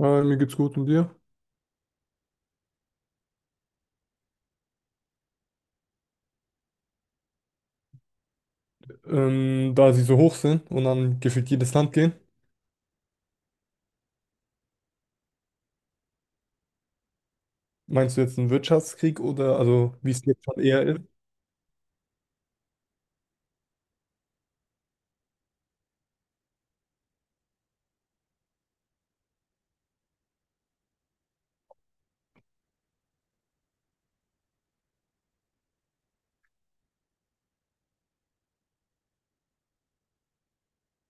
Mir geht's gut, und dir? Da sie so hoch sind und dann gefühlt jedes Land gehen, meinst du jetzt einen Wirtschaftskrieg oder also wie es jetzt schon eher ist?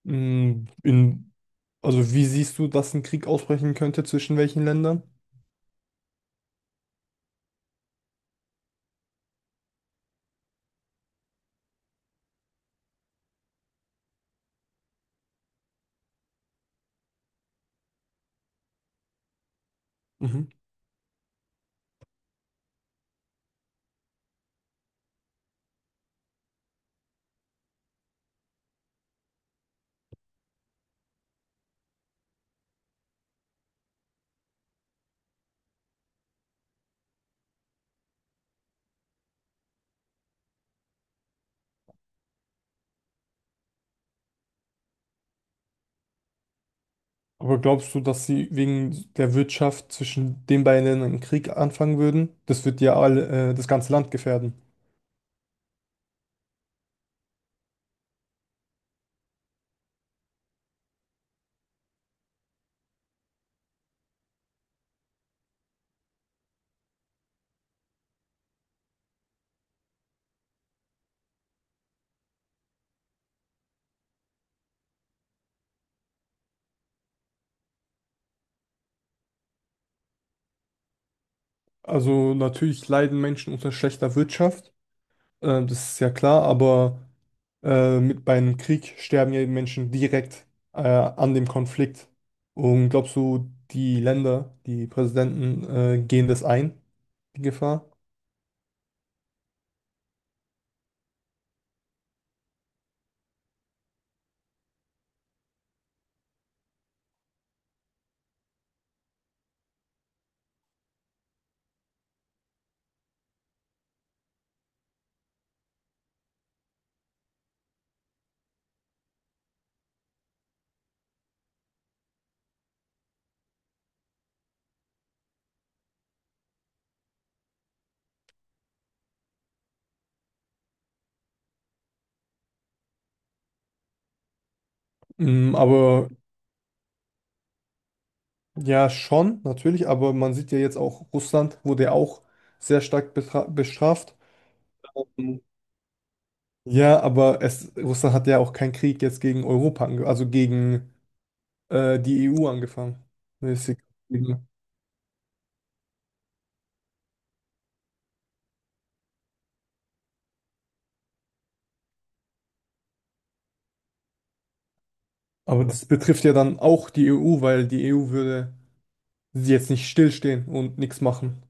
Mm, In, also wie siehst du, dass ein Krieg ausbrechen könnte, zwischen welchen Ländern? Mhm. Aber glaubst du, dass sie wegen der Wirtschaft zwischen den beiden Ländern einen Krieg anfangen würden? Das wird ja alle, das ganze Land gefährden. Also natürlich leiden Menschen unter schlechter Wirtschaft, das ist ja klar, aber mit beim Krieg sterben ja die Menschen direkt an dem Konflikt. Und glaubst du, die Länder, die Präsidenten gehen das ein, die Gefahr? Mm. Ja, schon, natürlich. Aber man sieht ja jetzt auch, Russland wurde ja auch sehr stark bestraft. Mhm. Ja, aber es, Russland hat ja auch keinen Krieg jetzt gegen Europa ange also gegen die EU angefangen. Mäßig. Mhm. Aber das betrifft ja dann auch die EU, weil die EU würde sie jetzt nicht stillstehen und nichts machen.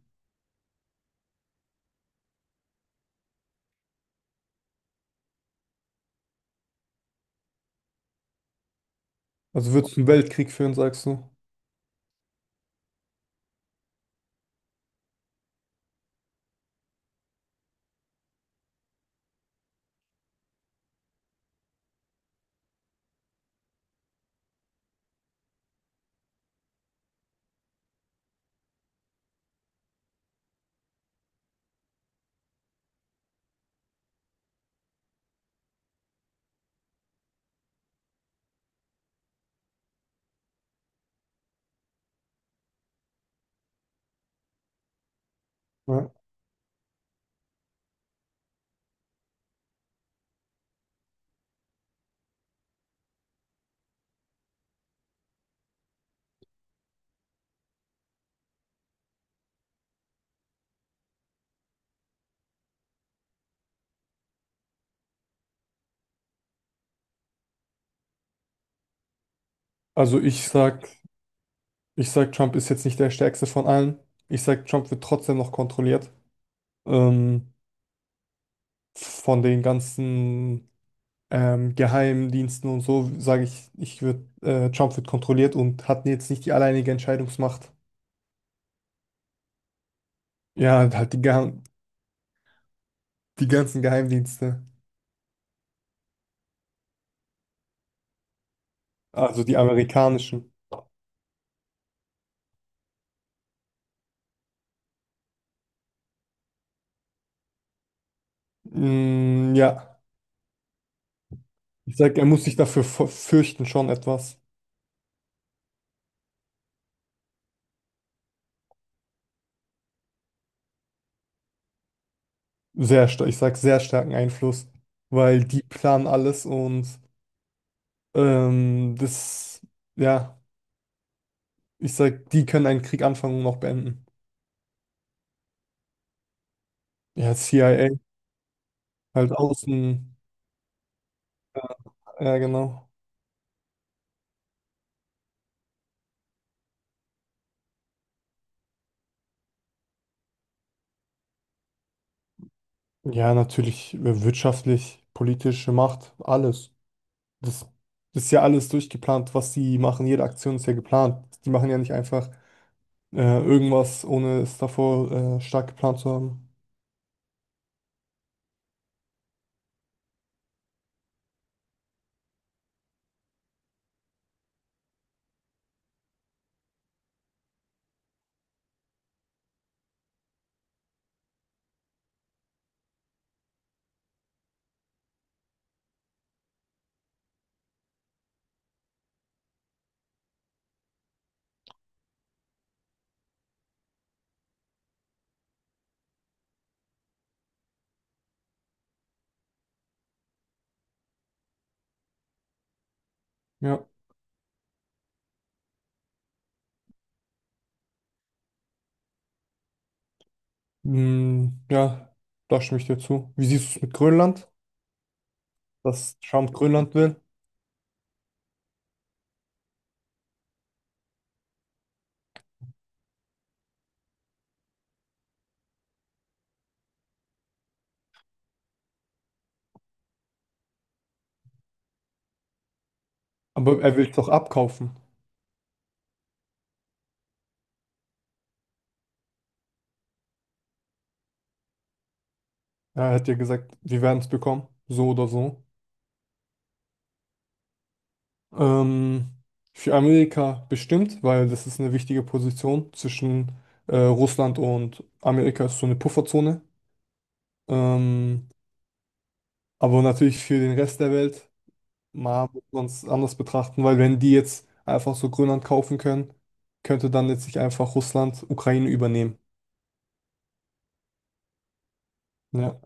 Also wird es einen Weltkrieg führen, sagst du? Ja. Also ich sag, Trump ist jetzt nicht der stärkste von allen. Ich sag, Trump wird trotzdem noch kontrolliert. Ähm, von den ganzen Geheimdiensten und so, sage ich, Trump wird kontrolliert und hat jetzt nicht die alleinige Entscheidungsmacht. Ja, halt die ganzen Geheimdienste, also die amerikanischen. Ja, ich sag, er muss sich dafür fürchten schon etwas. Sehr stark, ich sag sehr starken Einfluss, weil die planen alles und ähm, das, ja, ich sag, die können einen Krieg anfangen und auch beenden. Ja, CIA, halt außen, ja genau. Ja, natürlich wirtschaftlich, politische Macht, alles. Das ist ja alles durchgeplant, was sie machen. Jede Aktion ist ja geplant. Die machen ja nicht einfach äh, irgendwas, ohne es davor stark geplant zu haben. Ja, ja, da stimme ich dir zu. Wie siehst du es mit Grönland? Dass Trump Grönland will, aber er will es doch abkaufen. Er hat ja gesagt, wir werden es bekommen, so oder so. Ähm, für Amerika bestimmt, weil das ist eine wichtige Position zwischen Russland und Amerika, ist so eine Pufferzone. Ähm, aber natürlich für den Rest der Welt mal muss man es anders betrachten, weil wenn die jetzt einfach so Grönland kaufen können, könnte dann letztlich einfach Russland Ukraine übernehmen. Ja.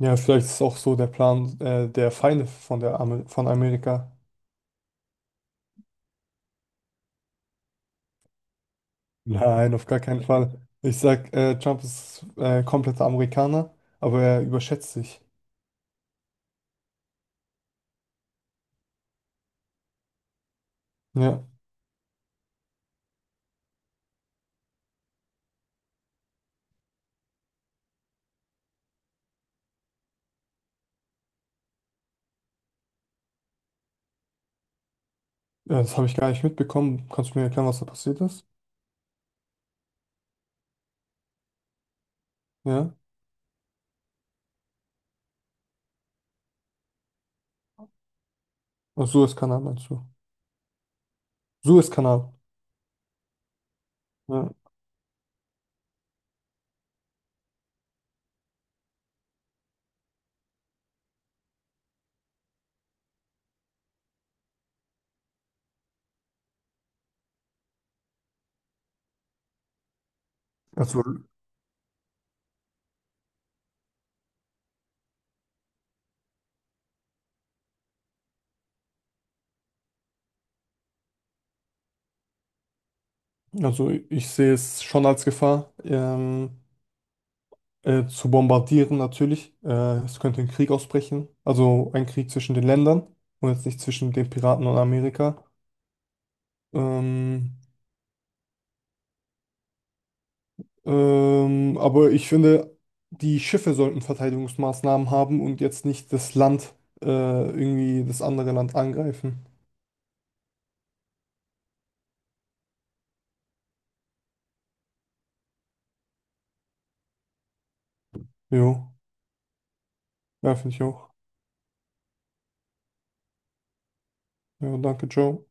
Ja, vielleicht ist auch so der Plan der Feinde von der Amer von Amerika. Nein, auf gar keinen Fall. Ich sag, Trump ist kompletter Amerikaner, aber er überschätzt sich. Ja, ja, das habe ich gar nicht mitbekommen. Kannst du mir erklären, was da passiert ist? Ja, und Suezkanal meinst du? Suezkanal. Ja. Also, also ich sehe es schon als Gefahr, zu bombardieren natürlich. Es könnte ein Krieg ausbrechen, also ein Krieg zwischen den Ländern und jetzt nicht zwischen den Piraten und Amerika. Ähm, aber ich finde, die Schiffe sollten Verteidigungsmaßnahmen haben und jetzt nicht das Land irgendwie das andere Land angreifen. Jo, ja, finde ich auch. Ja, danke, ciao.